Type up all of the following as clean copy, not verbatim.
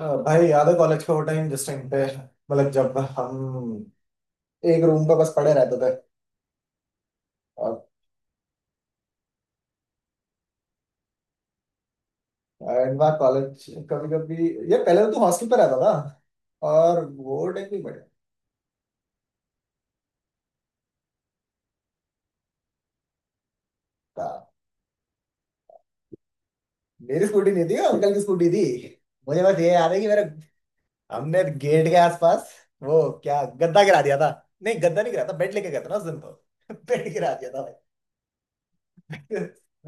भाई याद है कॉलेज का वो टाइम जिस टाइम पे मतलब जब हम एक रूम पे बस पड़े रहते थे। और एंड बार कॉलेज कभी कभी ये पहले तो तू हॉस्टल पे रहता था और वो टाइम भी बढ़िया था। मेरी स्कूटी नहीं थी, अंकल की स्कूटी थी। मुझे बस ये याद है कि मेरे, हमने गेट के आसपास वो क्या गद्दा गिरा दिया था। नहीं, गद्दा नहीं गिरा था, बेड लेके गया था ना उस दिन तो। बेड गिरा दिया था भाई।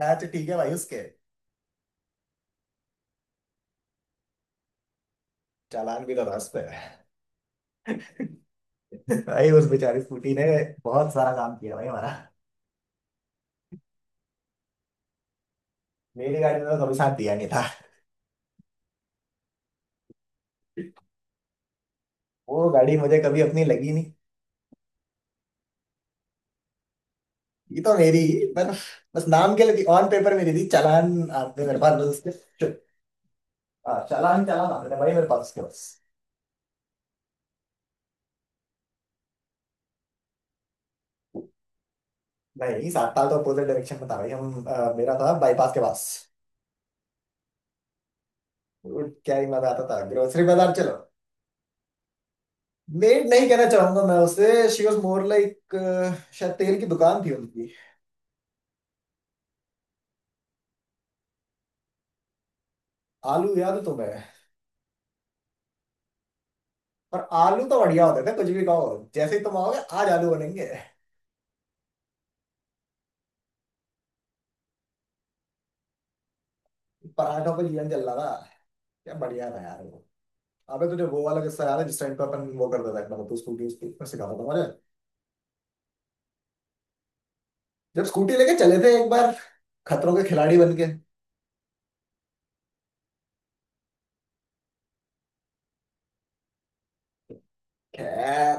अच्छा ठीक है भाई, उसके चालान भी तो था उस पे। भाई उस बेचारी स्कूटी ने बहुत सारा काम किया भाई हमारा। मेरी गाड़ी में तो कभी साथ दिया नहीं था। वो गाड़ी मुझे कभी अपनी लगी नहीं। ये तो मेरी ही, पर बस नाम के लिए ऑन पेपर मेरी थी। चालान आते मेरे पास बस उसके हाँ, चालान चालान आते थे भाई मेरे पास उसके बस। नहीं, सात साल तो अपोजिट डायरेक्शन में था भाई। हम मेरा था बाईपास के पास। वो क्या ही मजा आता था, ग्रोसरी बाजार चलो। लेट नहीं कहना चाहूंगा मैं उसे। शी वॉज मोर लाइक, शायद तेल की दुकान थी उनकी। आलू याद है तुम्हें? पर आलू तो बढ़िया होते थे कुछ भी कहो। जैसे ही तुम आओगे आज आलू बनेंगे। पराठों पे जीवन चल रहा था। क्या बढ़िया था यार वो। अबे तुझे वो वाला किस्सा याद है जिस टाइम पे अपन वो करते थे, मतलब तू स्कूटी उसकी, मैं सिखाता था मुझे। जब स्कूटी लेके चले थे एक बार, खतरों के खिलाड़ी बन के। खैर,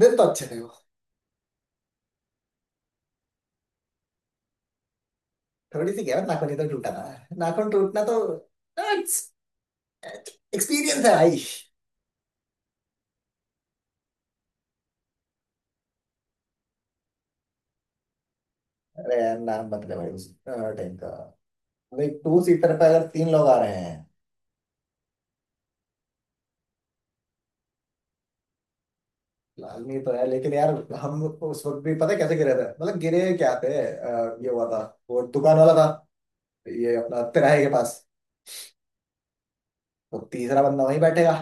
दिन तो अच्छे थे वो। थोड़ी सी क्या है, नाखून ही तो टूटा था। नाखून टूटना तो एक्सपीरियंस है भाई। अरे यार नाम मत ले भाई उस टाइम का। भाई टू सीटर पे अगर तीन लोग आ रहे हैं। लाजमी तो है लेकिन यार, हम उस वक्त भी पता है कैसे गिरे थे, मतलब गिरे क्या थे, ये हुआ था। वो दुकान वाला था, ये अपना तिराहे के पास, तो तीसरा बंदा वहीं बैठेगा।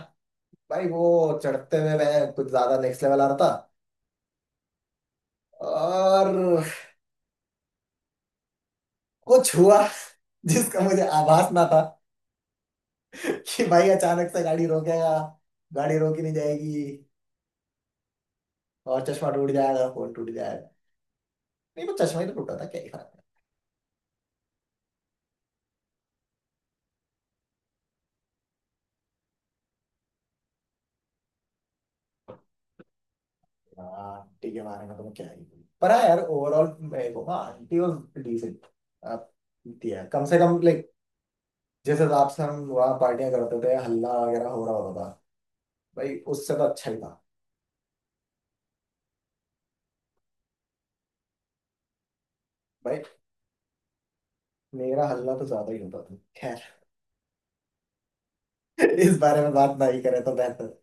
भाई वो चढ़ते हुए मैं कुछ ज्यादा नेक्स्ट लेवल आ रहा था। और कुछ हुआ जिसका मुझे आभास ना था कि भाई अचानक से गाड़ी रोकेगा। गाड़ी रोकी नहीं जाएगी और चश्मा टूट जाएगा, फोन टूट जाएगा। नहीं, वो चश्मा ही तो टूटा था, क्या ही फर्क पड़ेगा? हाँ ठीक है, मारेगा तो मैं क्या ही बोलूं। पर हाँ यार ओवरऑल मेरे को, हाँ, आंटी वॉज डिसेंट। आप दिया कम से कम, लाइक, जिस हिसाब से हम वहाँ पार्टियां करते थे, हल्ला वगैरह हो रहा होता था, भाई उससे तो अच्छा ही था। भाई मेरा हल्ला तो ज्यादा ही होता था, खैर। इस बारे में बात नहीं करें तो बेहतर।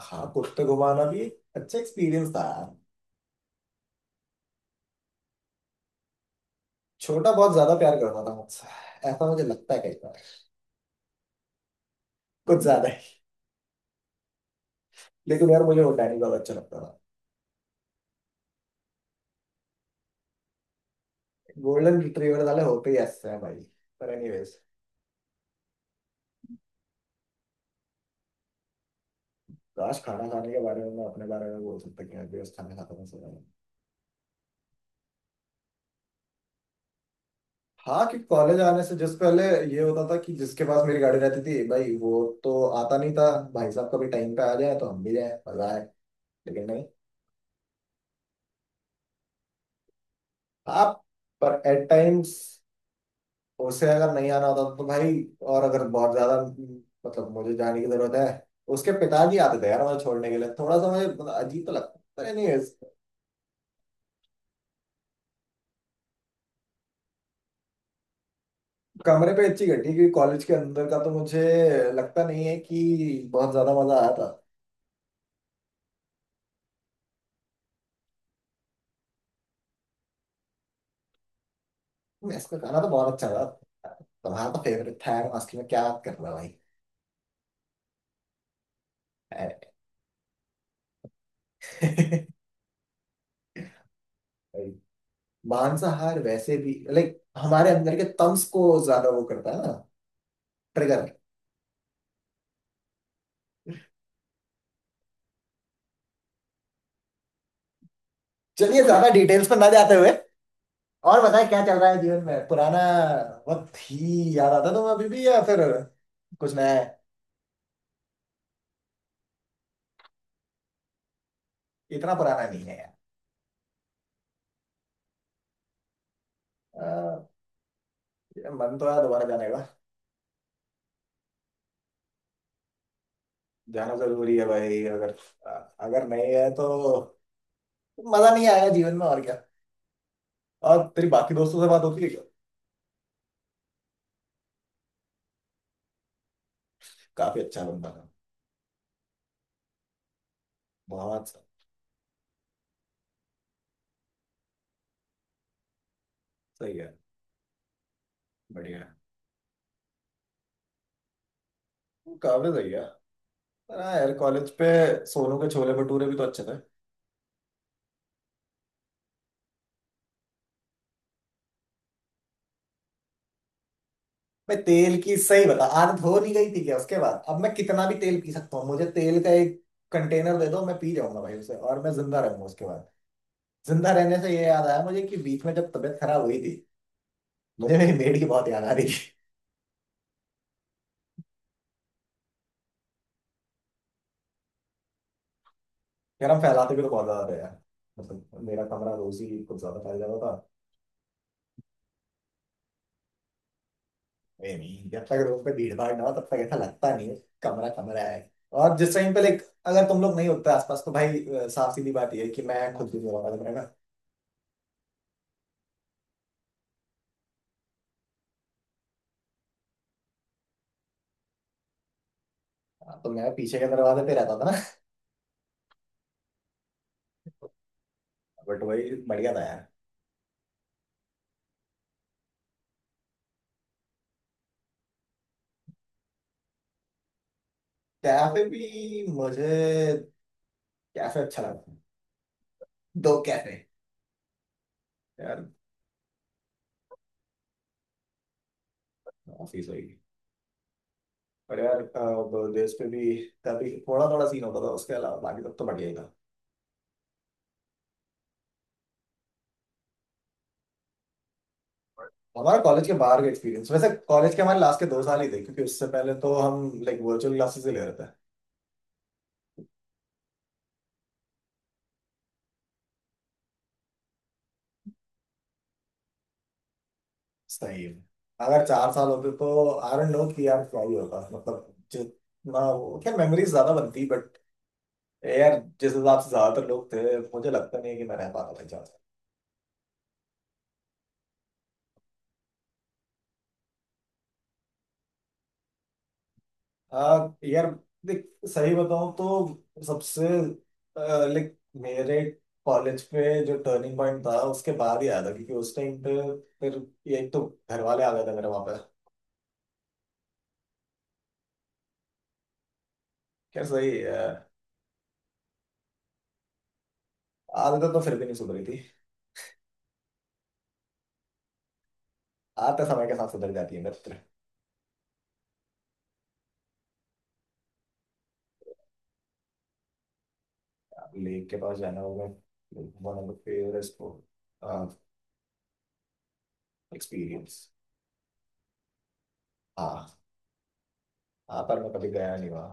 हाँ, कुत्ते घुमाना भी एक अच्छा एक्सपीरियंस था यार। छोटा बहुत ज्यादा प्यार करता था मुझसे, ऐसा मुझे लगता है कई बार। कुछ ज्यादा ही। लेकिन यार मुझे वो डैनी बहुत अच्छा लगता था। गोल्डन रिट्रीवर वाले होते ही ऐसे हैं भाई। पर एनीवेज, आज खाना खाने के बारे में मैं अपने बारे में बोल सकता कि मैं भी उस खाना खाता हूँ सुना है। हाँ, कि कॉलेज आने से जिस पहले ये होता था कि जिसके पास मेरी गाड़ी रहती थी, भाई वो तो आता नहीं था। भाई साहब कभी टाइम पे आ जाए तो हम भी जाए, मजा आए, लेकिन नहीं। आप, पर एट टाइम्स उससे अगर नहीं आना होता तो भाई, और अगर बहुत ज्यादा, मतलब मुझे जाने की जरूरत है। उसके पिताजी आते थे यार मुझे छोड़ने के लिए, थोड़ा सा मुझे मतलब अजीब तो लगता, पता नहीं इस कमरे पे अच्छी घटी। क्योंकि कॉलेज के अंदर का तो मुझे लगता नहीं है कि बहुत ज्यादा मजा आया था। मेस का खाना तो बहुत अच्छा था, तुम्हारा तो फेवरेट था यार, मस्ती में क्या बात कर रहा है भाई। भाई, मांसाहार वैसे भी, लाइक, हमारे अंदर के तम्स को ज्यादा वो करता है ना, ट्रिगर। चलिए ज्यादा डिटेल्स पर ना जाते हुए, और बताए क्या चल रहा है जीवन में? पुराना वक्त ही याद आता तुम्हें अभी भी या फिर कुछ नया है? इतना पुराना नहीं है यार। अ, ये मन तो है दोबारा जाने का। जाना जरूरी है भाई, अगर अ, अगर नहीं है तो मजा नहीं आएगा जीवन में और क्या। और तेरी बाकी दोस्तों से बात होती है क्या? काफी अच्छा बंदा था। बहुत। सही है, बढ़िया है। काफी सही है। पर हाँ यार, कॉलेज पे सोनू के छोले भटूरे भी तो अच्छे थे। मैं तेल की सही बता, आदत हो नहीं गई थी क्या उसके बाद? अब मैं कितना भी तेल पी सकता हूँ, मुझे तेल का एक कंटेनर दे दो, मैं पी जाऊंगा भाई उसे और मैं जिंदा रहूंगा उसके बाद। जिंदा रहने से ये याद आया मुझे कि बीच में जब तबीयत खराब हुई थी, मुझे मेरी मेड की बहुत याद आ रही थी। यार हम फैलाते भी तो बहुत ज्यादा थे यार, मतलब मेरा कमरा रोज ही कुछ ज्यादा फैल जाता था। ए नहीं, जब तक रूम पे भीड़ भाड़ ना हो तब तक ऐसा लगता नहीं है कमरा कमरा है। और जिस टाइम पे, लाइक, अगर तुम लोग नहीं होते आसपास तो भाई, साफ सीधी बात ये है कि मैं खुद भी मेरा कमरा, ना तो मैं पीछे के दरवाजे पे रहता था ना। बट वही बढ़िया था यार। कैफे भी मुझे, कैफे अच्छा लगा, दो कैफे। यार ऑफिस वही। पर यार अब देश पे भी तभी थोड़ा थोड़ा सीन होता था, उसके अलावा बाकी सब तो बढ़िया ही था। हमारा कॉलेज के बाहर का एक्सपीरियंस वैसे कॉलेज के हमारे लास्ट के दो साल ही थे, क्योंकि उससे पहले तो हम, लाइक, वर्चुअल क्लासेस ही ले रहे थे। सही है। अगर चार साल होते तो आई डोंट नो कि यार क्या ही होता, मतलब जितना वो क्या मेमोरीज ज्यादा बनती, बट यार जिस हिसाब से ज्यादातर लोग थे, मुझे लगता नहीं है कि मैं रह पाता था चार। आ, यार देख, सही बताऊं तो सबसे, लाइक, मेरे कॉलेज पे जो टर्निंग पॉइंट था उसके बाद ही आया था, क्योंकि उस टाइम पे फिर ये एक तो घर वाले आ गए थे मेरे वहां पे। खैर सही है, आदतें तो फिर भी नहीं सुधरी थी। आते समय के साथ सुधर जाती है मित्र। लेक के पास जाना होगा, one of the favourite experience. हाँ। हाँ, पर मैं कभी गया नहीं वहाँ।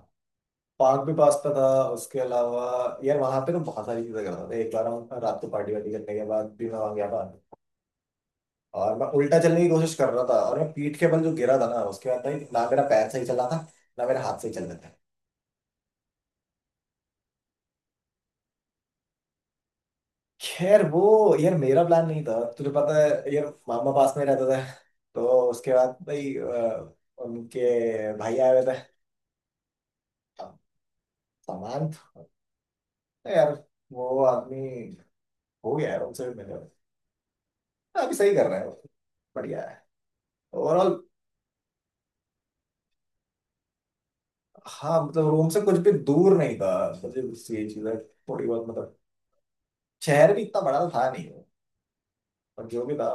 पार्क भी पास का था उसके अलावा। यार वहां पे ना बहुत सारी चीजें कर रहा था। एक बार हम रात को पार्टी वार्टी करने के बाद भी मैं वहां गया था, और मैं उल्टा चलने की कोशिश कर रहा था और मैं पीठ के बल जो गिरा था ना, उसके बाद भाई ना मेरा पैर सही चल रहा था ना मेरा हाथ सही चल रहा था। खैर, वो यार मेरा प्लान नहीं था, तुझे पता है यार, मामा पास में रहता था। तो उसके बाद भाई, उनके भाई आए हुए थे। अब सामान था तो यार, वो आदमी हो गया है, उनसे भी मिले। अभी सही कर रहा है वो, बढ़िया है। ओवरऑल, हाँ, मतलब रोम से कुछ भी दूर नहीं था, मुझे उससे ये चीज है थोड़ी बहुत, मतलब शहर भी इतना बड़ा तो था नहीं वो, पर जो भी था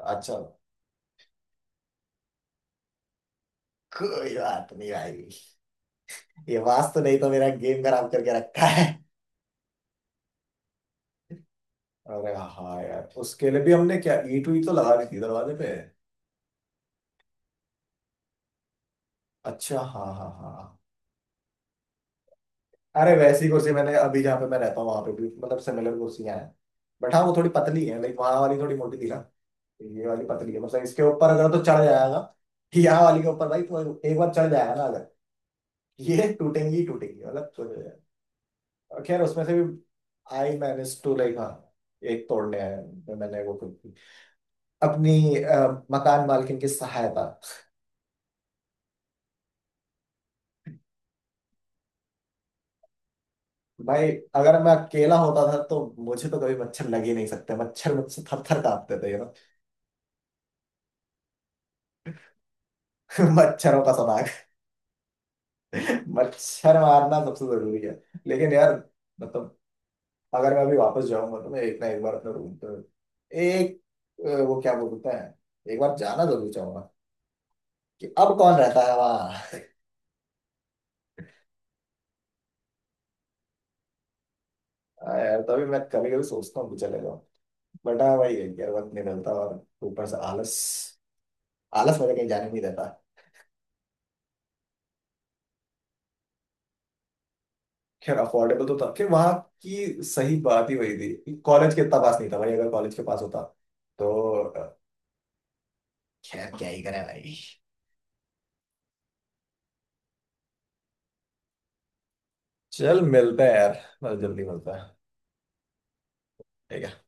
अच्छा था। कोई बात नहीं भाई। ये वास्तव नहीं तो मेरा गेम खराब करके रखा है। अरे हाँ यार, उसके लिए भी हमने क्या ईंट वीट तो लगा दी थी दरवाजे पे। अच्छा, हाँ हाँ हाँ हाँ। अरे वैसी कुर्सी मैंने अभी जहाँ पे मैं रहता हूँ वहां पे भी, मतलब सिमिलर कुर्सियां हैं, बट हाँ वो थोड़ी पतली है, लाइक वहां वाली थोड़ी मोटी थी ना। ये वाली पतली है, मतलब इसके ऊपर अगर तो चढ़ जाएगा, यहाँ वाली के ऊपर भाई तो एक बार चढ़ जाएगा ना, अगर ये टूटेंगी ही टूटेंगी मतलब तो। और खैर उसमें से भी आई मैनेज टू, लाइक, हाँ, एक तोड़ने हैं मैंने वो खुद की, अपनी मकान मालकिन की सहायता। भाई अगर मैं अकेला होता था तो मुझे तो कभी मच्छर लग ही नहीं सकते, मच्छर मुझसे थर थर कांपते थे ना। मच्छरों का सनाग। मच्छर मारना सबसे जरूरी है। लेकिन यार, मतलब अगर मैं अभी वापस जाऊंगा तो मैं एक ना एक बार अपने रूम पे एक, वो क्या बोलते हैं, एक बार जाना जरूर चाहूंगा कि अब कौन रहता है वहां। हाँ यार, तभी मैं कभी कभी सोचता हूँ कि चले जाओ, बट हाँ भाई है कि यार वक्त नहीं मिलता, और ऊपर से आलस। आलस मुझे कहीं जाने नहीं देता। खैर अफोर्डेबल तो था, खैर वहाँ की सही बात ही वही थी कि कॉलेज के इतना पास नहीं था भाई, अगर कॉलेज के पास होता तो, अ, खैर क्या ही करें भाई। चल मिलते हैं यार, बस जल्दी मिलते हैं। ठीक है।